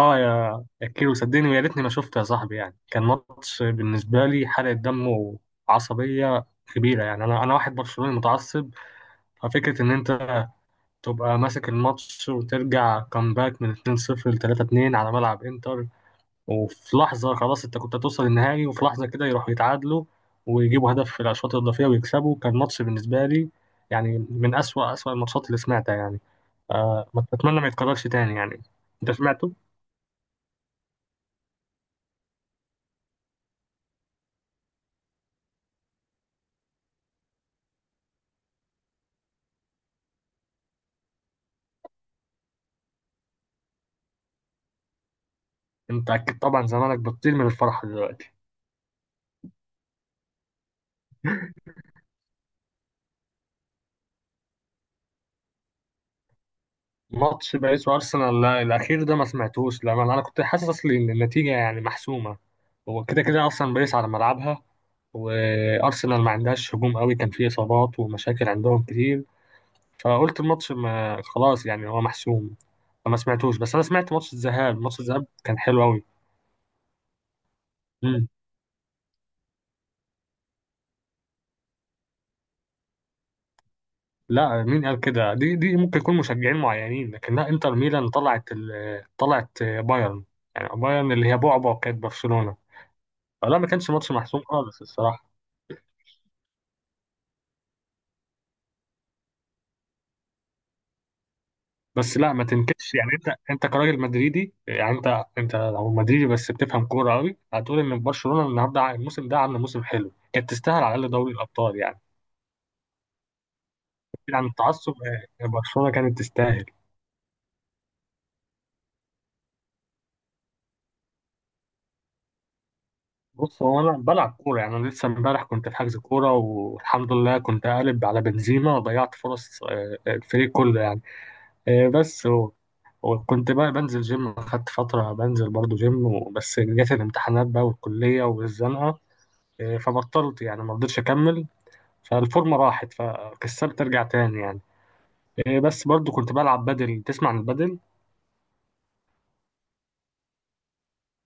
اه، يا كيلو صدقني ويا ريتني ما شفت يا صاحبي، يعني كان ماتش بالنسبه لي حرقه دم وعصبيه كبيره. يعني انا واحد برشلوني متعصب، ففكره ان انت تبقى ماسك الماتش وترجع كامباك من 2-0 ل 3-2 على ملعب انتر، وفي لحظه خلاص انت كنت هتوصل النهائي، وفي لحظه كده يروحوا يتعادلوا ويجيبوا هدف في الاشواط الاضافيه ويكسبوا. كان ماتش بالنسبه لي يعني من اسوأ اسوأ الماتشات اللي سمعتها يعني. آه، ما اتمنى ما يتكررش تاني يعني. انت سمعته؟ انت اكيد طبعا زمانك بتطير من الفرحه دلوقتي. ماتش باريس وارسنال لا، الاخير ده ما سمعتوش، لما انا كنت حاسس اصلي ان النتيجه يعني محسومه. هو كده كده اصلا باريس على ملعبها، وارسنال ما عندهاش هجوم قوي، كان فيه اصابات ومشاكل عندهم كتير، فقلت الماتش ما خلاص يعني هو محسوم، فما سمعتوش. بس انا سمعت ماتش الذهاب، ماتش الذهاب كان حلو قوي. مم. لا، مين قال كده؟ دي ممكن يكون مشجعين معينين، لكن لا، انتر ميلان طلعت طلعت بايرن، يعني بايرن اللي هي بعبع كانت برشلونه. لا، ما كانش ماتش محسوم خالص الصراحه. بس لا، ما تنكدش يعني، انت كراجل مدريدي، يعني انت لو مدريدي بس بتفهم كوره قوي، هتقول ان برشلونه النهارده الموسم ده عامل موسم حلو، كانت تستاهل على الاقل دوري الابطال يعني. بعيد عن التعصب، برشلونه كانت تستاهل. بص، هو انا بلعب كوره، يعني انا لسه امبارح كنت في حجز كوره، والحمد لله كنت قالب على بنزيما وضيعت فرص الفريق كله يعني. آه، بس هو وكنت بقى بنزل جيم، خدت فترة بنزل برضو جيم، بس جت الامتحانات بقى والكلية والزنقة، فبطلت يعني، ما رضيتش اكمل، فالفورمه راحت، فكسلت ارجع تاني يعني. بس برضو كنت بلعب بدل. تسمع عن البدل؟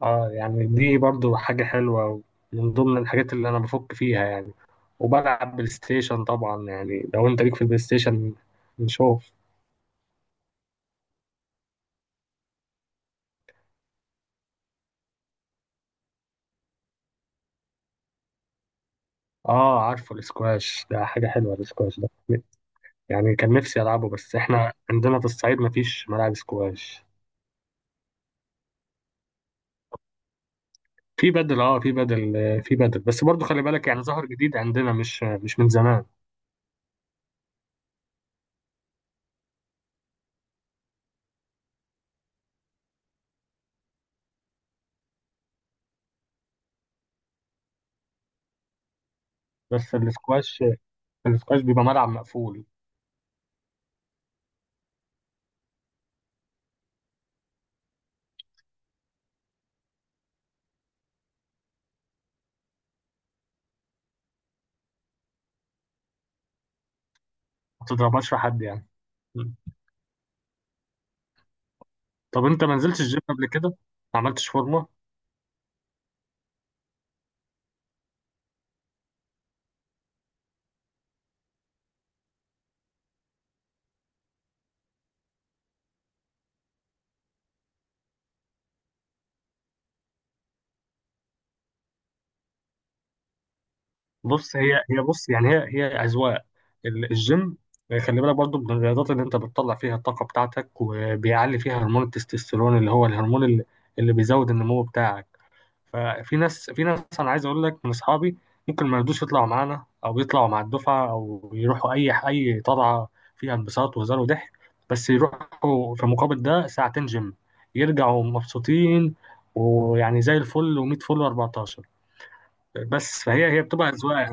اه، يعني دي برضو حاجه حلوه، من ضمن الحاجات اللي انا بفك فيها يعني. وبلعب بلاي ستيشن طبعا، يعني لو انت ليك في البلاي ستيشن نشوف. اه، عارفه الاسكواش، ده حاجه حلوه الاسكواش ده، يعني كان نفسي العبه، بس احنا عندنا في الصعيد مفيش ملاعب سكواش. في بدل، اه في بدل، في بدل، بس برضو خلي بالك يعني، ظهر جديد عندنا، مش من زمان. بس الاسكواش، الاسكواش بيبقى ملعب مقفول. ما تضربهاش في حد يعني. مم. طب انت ما نزلتش الجيم قبل كده؟ ما عملتش فورمه؟ بص، هي يعني، هي هي اذواق. الجيم، خلي بالك برضو، من الرياضات اللي انت بتطلع فيها الطاقه بتاعتك، وبيعلي فيها هرمون التستوستيرون، اللي هو الهرمون اللي بيزود النمو بتاعك. ففي ناس، في ناس انا عايز اقول لك من اصحابي، ممكن ما يرضوش يطلعوا معانا، او يطلعوا مع الدفعه، او يروحوا اي طلعه فيها انبساط وهزار وضحك، بس يروحوا في مقابل ده ساعتين جيم، يرجعوا مبسوطين، ويعني زي الفل و100 فل و14. بس فهي هي بتبقى اذواق.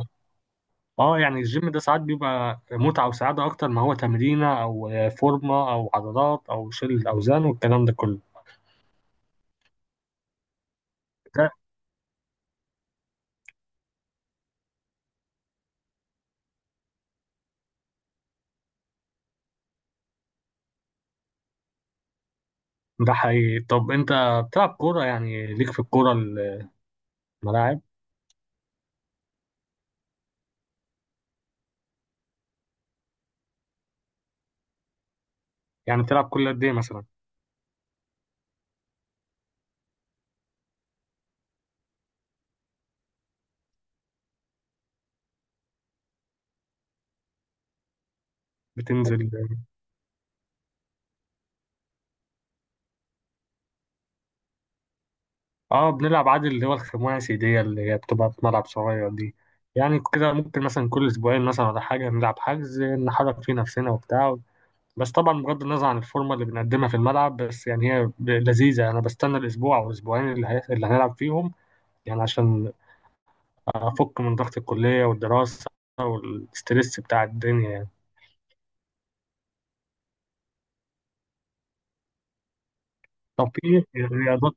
اه، يعني الجيم ده ساعات بيبقى متعه وسعاده، اكتر ما هو تمرينه او فورمه او عضلات او شيل اوزان والكلام ده كله. ده، ده حقيقي. طب انت بتلعب كوره، يعني ليك في الكوره، الملاعب؟ يعني بتلعب كل قد إيه مثلا؟ بتنزل؟ اه، بنلعب عادي، اللي هو الخماسي دي، اللي هي بتبقى في ملعب صغير دي. يعني كده ممكن مثلا كل أسبوعين مثلا ولا حاجة نلعب حجز، نحرك فيه نفسنا وبتاع. بس طبعا بغض النظر عن الفورمة اللي بنقدمها في الملعب، بس يعني هي لذيذة. أنا بستنى الأسبوع أو الأسبوعين اللي هنلعب فيهم، يعني عشان أفك من ضغط الكلية والدراسة والستريس بتاع الدنيا يعني. طب في رياضات،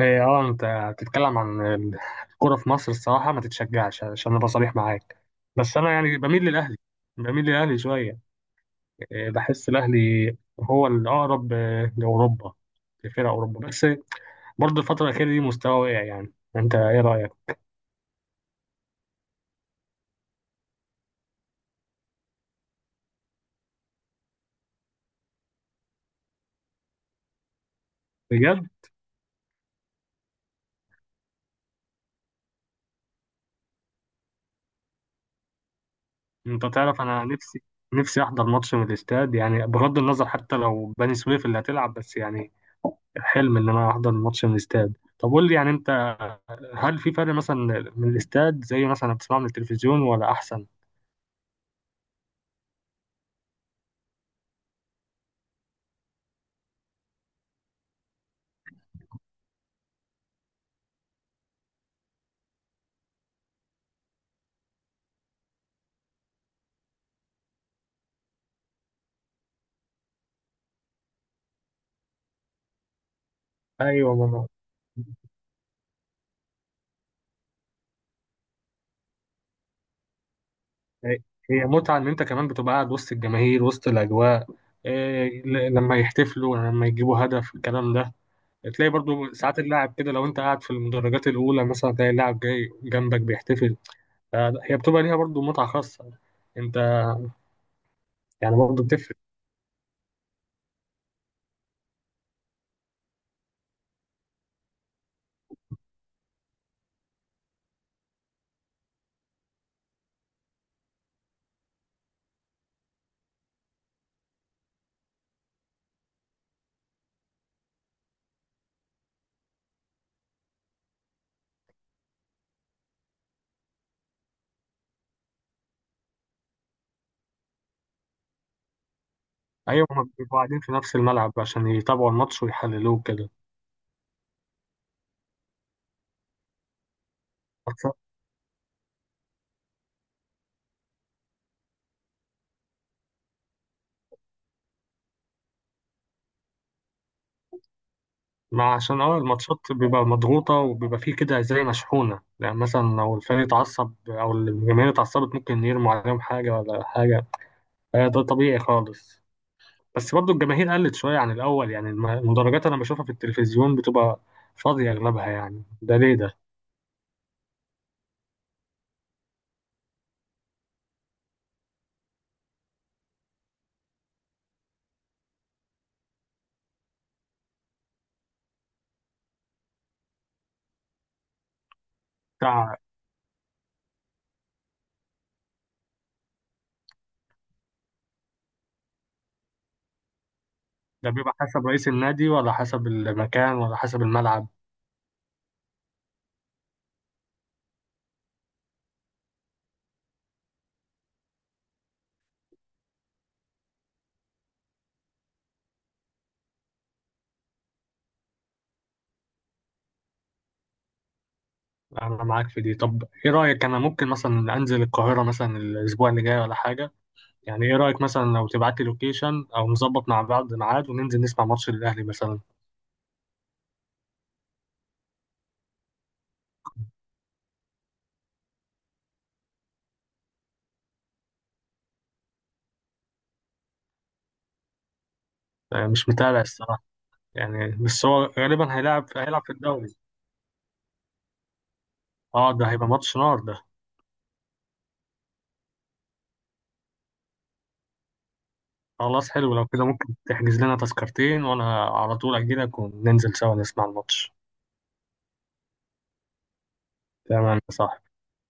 إيه، اه انت بتتكلم عن الكرة في مصر؟ الصراحة ما تتشجعش عشان ابقى صريح معاك. بس انا يعني بميل للاهلي، بميل للاهلي شوية. بحس الاهلي هو الاقرب لاوروبا، لفرق اوروبا. بس برضه الفترة الأخيرة دي مستوى واقع، يعني انت ايه رأيك؟ بجد. انت تعرف انا نفسي، نفسي احضر ماتش من الاستاد، يعني بغض النظر حتى لو بني سويف اللي هتلعب، بس يعني حلم ان انا احضر ماتش من الاستاد. طب قول لي يعني انت، هل في فرق مثلا من الاستاد، زي مثلا بتسمعه من التلفزيون، ولا احسن؟ ايوه ماما. هي، هي متعه ان انت كمان بتبقى قاعد وسط الجماهير وسط الاجواء. إيه، لما يحتفلوا، لما يجيبوا هدف، الكلام ده. تلاقي برضو ساعات اللاعب كده، لو انت قاعد في المدرجات الاولى مثلا، تلاقي اللاعب جاي جنبك بيحتفل. فهي بتبقى ليها برضو متعه خاصه. انت يعني برضو بتفرق. ايوه، هما بيبقوا قاعدين في نفس الملعب عشان يتابعوا الماتش ويحللوه كده. ما عشان اه الماتشات بيبقى مضغوطة، وبيبقى فيه كده زي مشحونة، يعني مثلا لو الفريق اتعصب أو الجماهير اتعصبت ممكن يرموا عليهم حاجة ولا حاجة. ده طبيعي خالص. بس برضو الجماهير قلت شوية عن الأول، يعني المدرجات أنا بشوفها في التلفزيون بتبقى فاضية أغلبها يعني، ده ليه ده؟ بتاع، ده بيبقى حسب رئيس النادي، ولا حسب المكان، ولا حسب الملعب؟ أنا معاك في دي. طب إيه رأيك، أنا ممكن مثلا أنزل القاهرة مثلا الأسبوع اللي جاي ولا حاجة، يعني ايه رأيك مثلا لو تبعت لي لوكيشن او نظبط مع بعض ميعاد، وننزل نسمع ماتش الاهلي مثلا؟ مش متابع الصراحة، يعني بس هو غالبا هيلعب، هيلعب في الدوري. اه، ده هيبقى ماتش نار ده. خلاص، حلو لو كده، ممكن تحجز لنا تذكرتين، وانا على طول اجي لك وننزل سوا نسمع الماتش. تمام، صح.